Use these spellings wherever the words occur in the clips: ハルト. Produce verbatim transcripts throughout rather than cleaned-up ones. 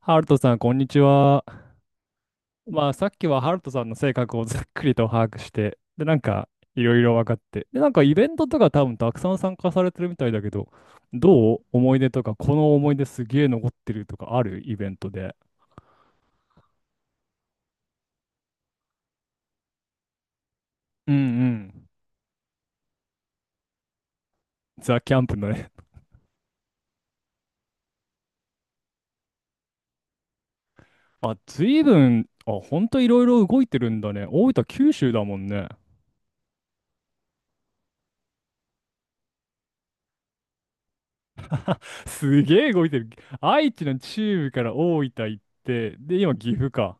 ハルトさん、こんにちは。まあ、さっきはハルトさんの性格をざっくりと把握して、で、なんか、いろいろ分かって、で、なんか、イベントとか多分たくさん参加されてるみたいだけど、どう思い出とか、この思い出すげえ残ってるとかあるイベントで。うんうん。ザ・キャンプのね。あ、ずいぶん、あ、ほんといろいろ動いてるんだね。大分、九州だもんね。すげえ動いてる。愛知の中部から大分行って、で、今、岐阜か。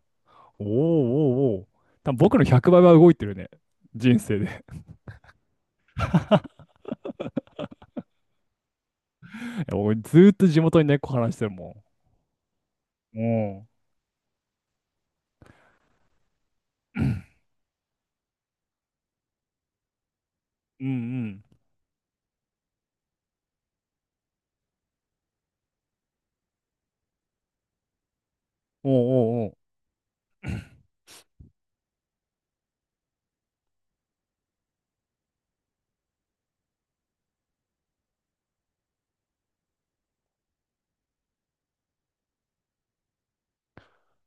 おーおーおー。多分僕のひゃくばいは動いてるね。人生で。いや俺ずーっと地元に猫話してるもん。おううんうん。おうおうおう。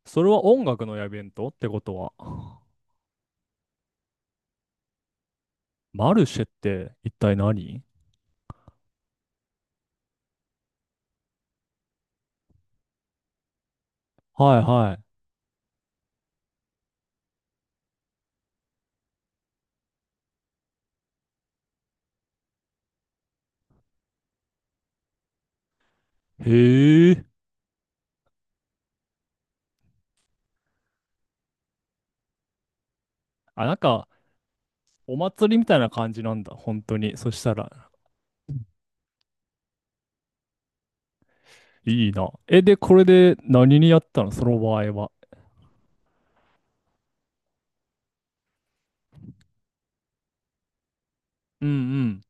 それは音楽のイベントってことは。マルシェって一体何。はいはい。へえ。あ、なんか、お祭りみたいな感じなんだ。本当に。そしたら、いいな。え、で、これで何にやったのその場合は。うんうん。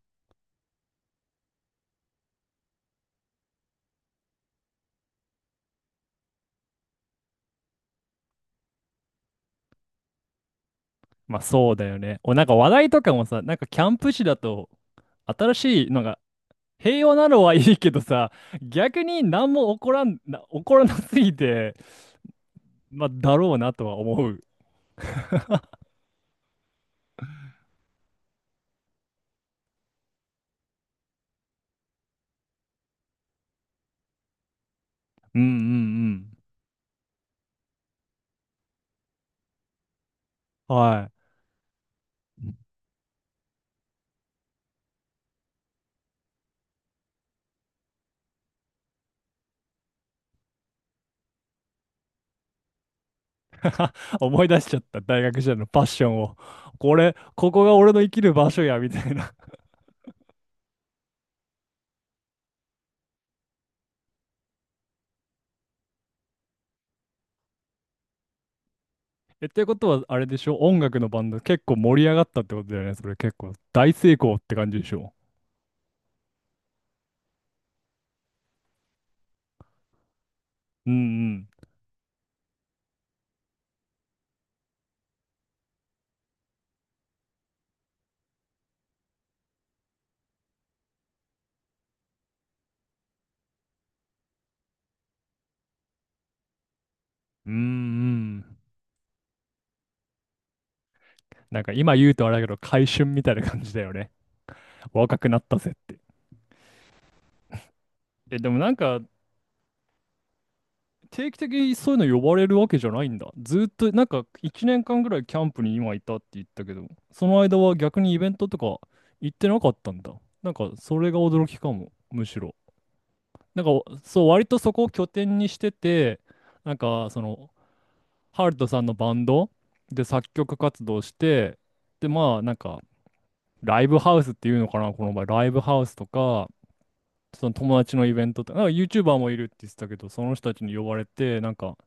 まあそうだよね。お、なんか話題とかもさ、なんかキャンプ地だと、新しいのが平和なのはいいけどさ、逆に何も起こらん、な、起こらなすぎて、まあ、だろうなとは思う。うんうんうん。はい。思い出しちゃった、大学時代のパッションを。これ、ここが俺の生きる場所や、みたいな。え、ってことは、あれでしょ音楽のバンド結構盛り上がったってことだよね。それ結構大成功って感じでしょ。うんうん。うんうん。なんか今言うとあれだけど、回春みたいな感じだよね。若くなったぜって。え、でもなんか、定期的にそういうの呼ばれるわけじゃないんだ。ずーっと、なんかいちねんかんぐらいキャンプに今いたって言ったけど、その間は逆にイベントとか行ってなかったんだ。なんかそれが驚きかも、むしろ。なんかそう、割とそこを拠点にしてて、なんかその、ハルトさんのバンドで作曲活動して、で、まあなんか、ライブハウスっていうのかな、この場合、ライブハウスとか、その友達のイベントとか、なんか YouTuber もいるって言ってたけど、その人たちに呼ばれて、なんか、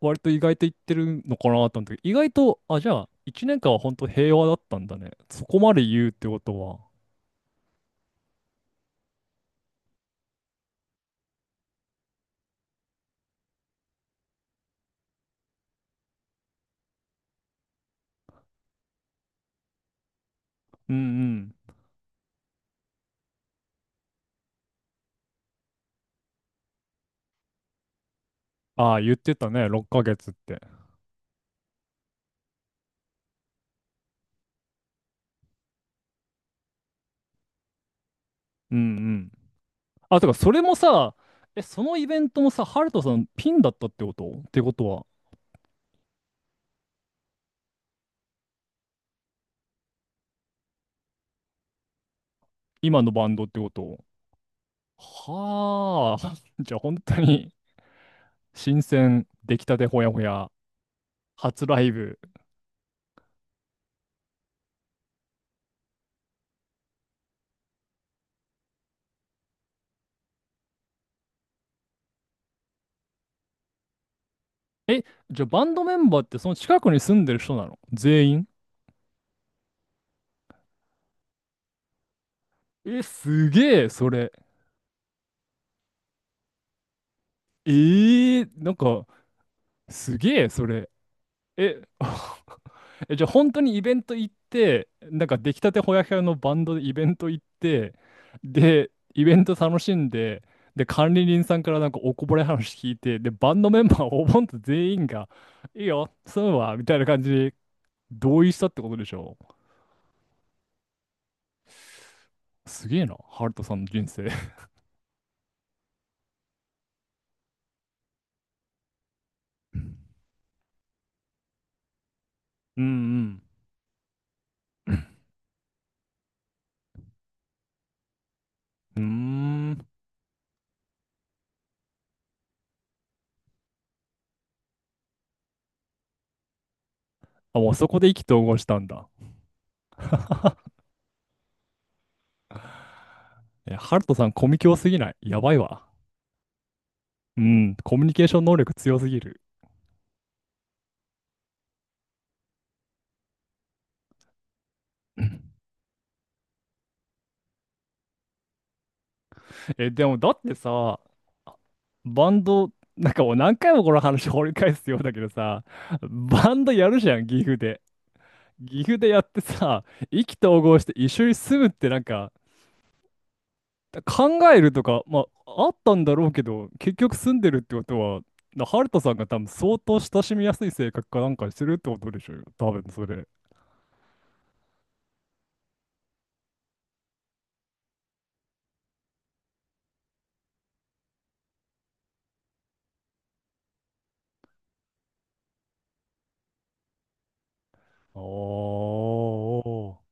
割と意外と言ってるのかなと思ったけど、意外と、あ、じゃあ、いちねんかんは本当平和だったんだね。そこまで言うってことは。うんうん。ああ、言ってたね、ろっかげつって。うんうん。あ、てか、それもさ、え、そのイベントもさ、ハルトさんピンだったってことってことは、今のバンドってことは。あ、じゃあ本当に新鮮、出来たてほやほや、初ライブ。え、じゃあバンドメンバーってその近くに住んでる人なの全員。え、すげえ、それ。ええなんか、すげえ、それ。え、え、じゃあ本当にイベント行って、なんか出来たてほやほやのバンドでイベント行って、で、イベント楽しんで、で、管理人さんからなんかおこぼれ話聞いて、で、バンドメンバーおぼんと全員が、いいよ、そうは、みたいな感じで同意したってことでしょ。すげえな、ハルトさんの人生。うんうん。うーん。あ、もうそこで意気投合したんだ。え、ハルトさん、コミュ強すぎない。やばいわ。うん、コミュニケーション能力強すぎる。え、でもだってさ、バンド、なんかもう何回もこの話掘り返すようだけどさ、バンドやるじゃん、岐阜で。岐阜でやってさ、意気投合して一緒に住むってなんか、考えるとか、まあ、あったんだろうけど、結局住んでるってことは、なハルトさんが多分相当親しみやすい性格かなんかしてるってことでしょうよ、多分それ。おー。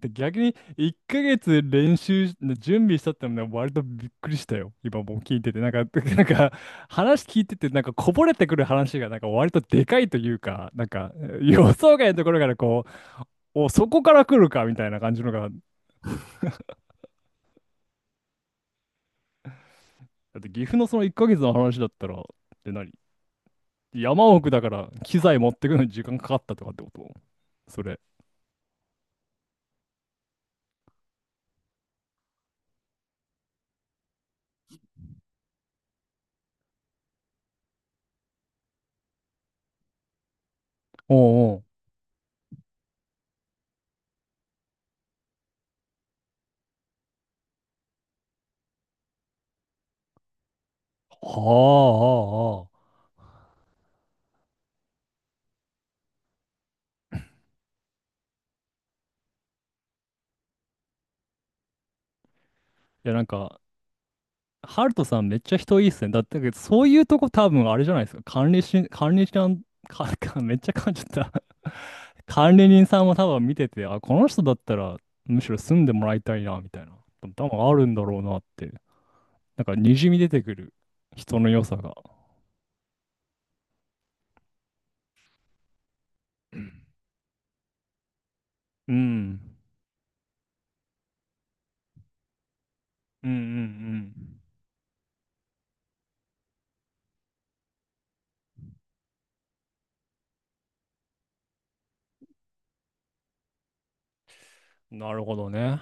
で、逆にいっかげつ練習し、準備したってのはね割とびっくりしたよ。今もう聞いてて。なんか、なんか話聞いてて、なんかこぼれてくる話がなんか割とでかいというか、なんかえー 予想外のところからこう、お、そこから来るかみたいな感じのが。だって岐阜のそのいっかげつの話だったら、で何山奥だから機材持ってくのに時間かかったとかってことそれ。おうおう。はあ、ああ、ああ。いやなんか、ハルトさんめっちゃ人いいっすね。だってそういうとこ多分あれじゃないですか。管理し、管理しなん、か、かめっちゃ噛んじゃった 管理人さんも多分見てて、あ、この人だったらむしろ住んでもらいたいな、みたいな。多分あるんだろうなって。なんか滲み出てくる人の良さが。うん。うんうんうん。なるほどね。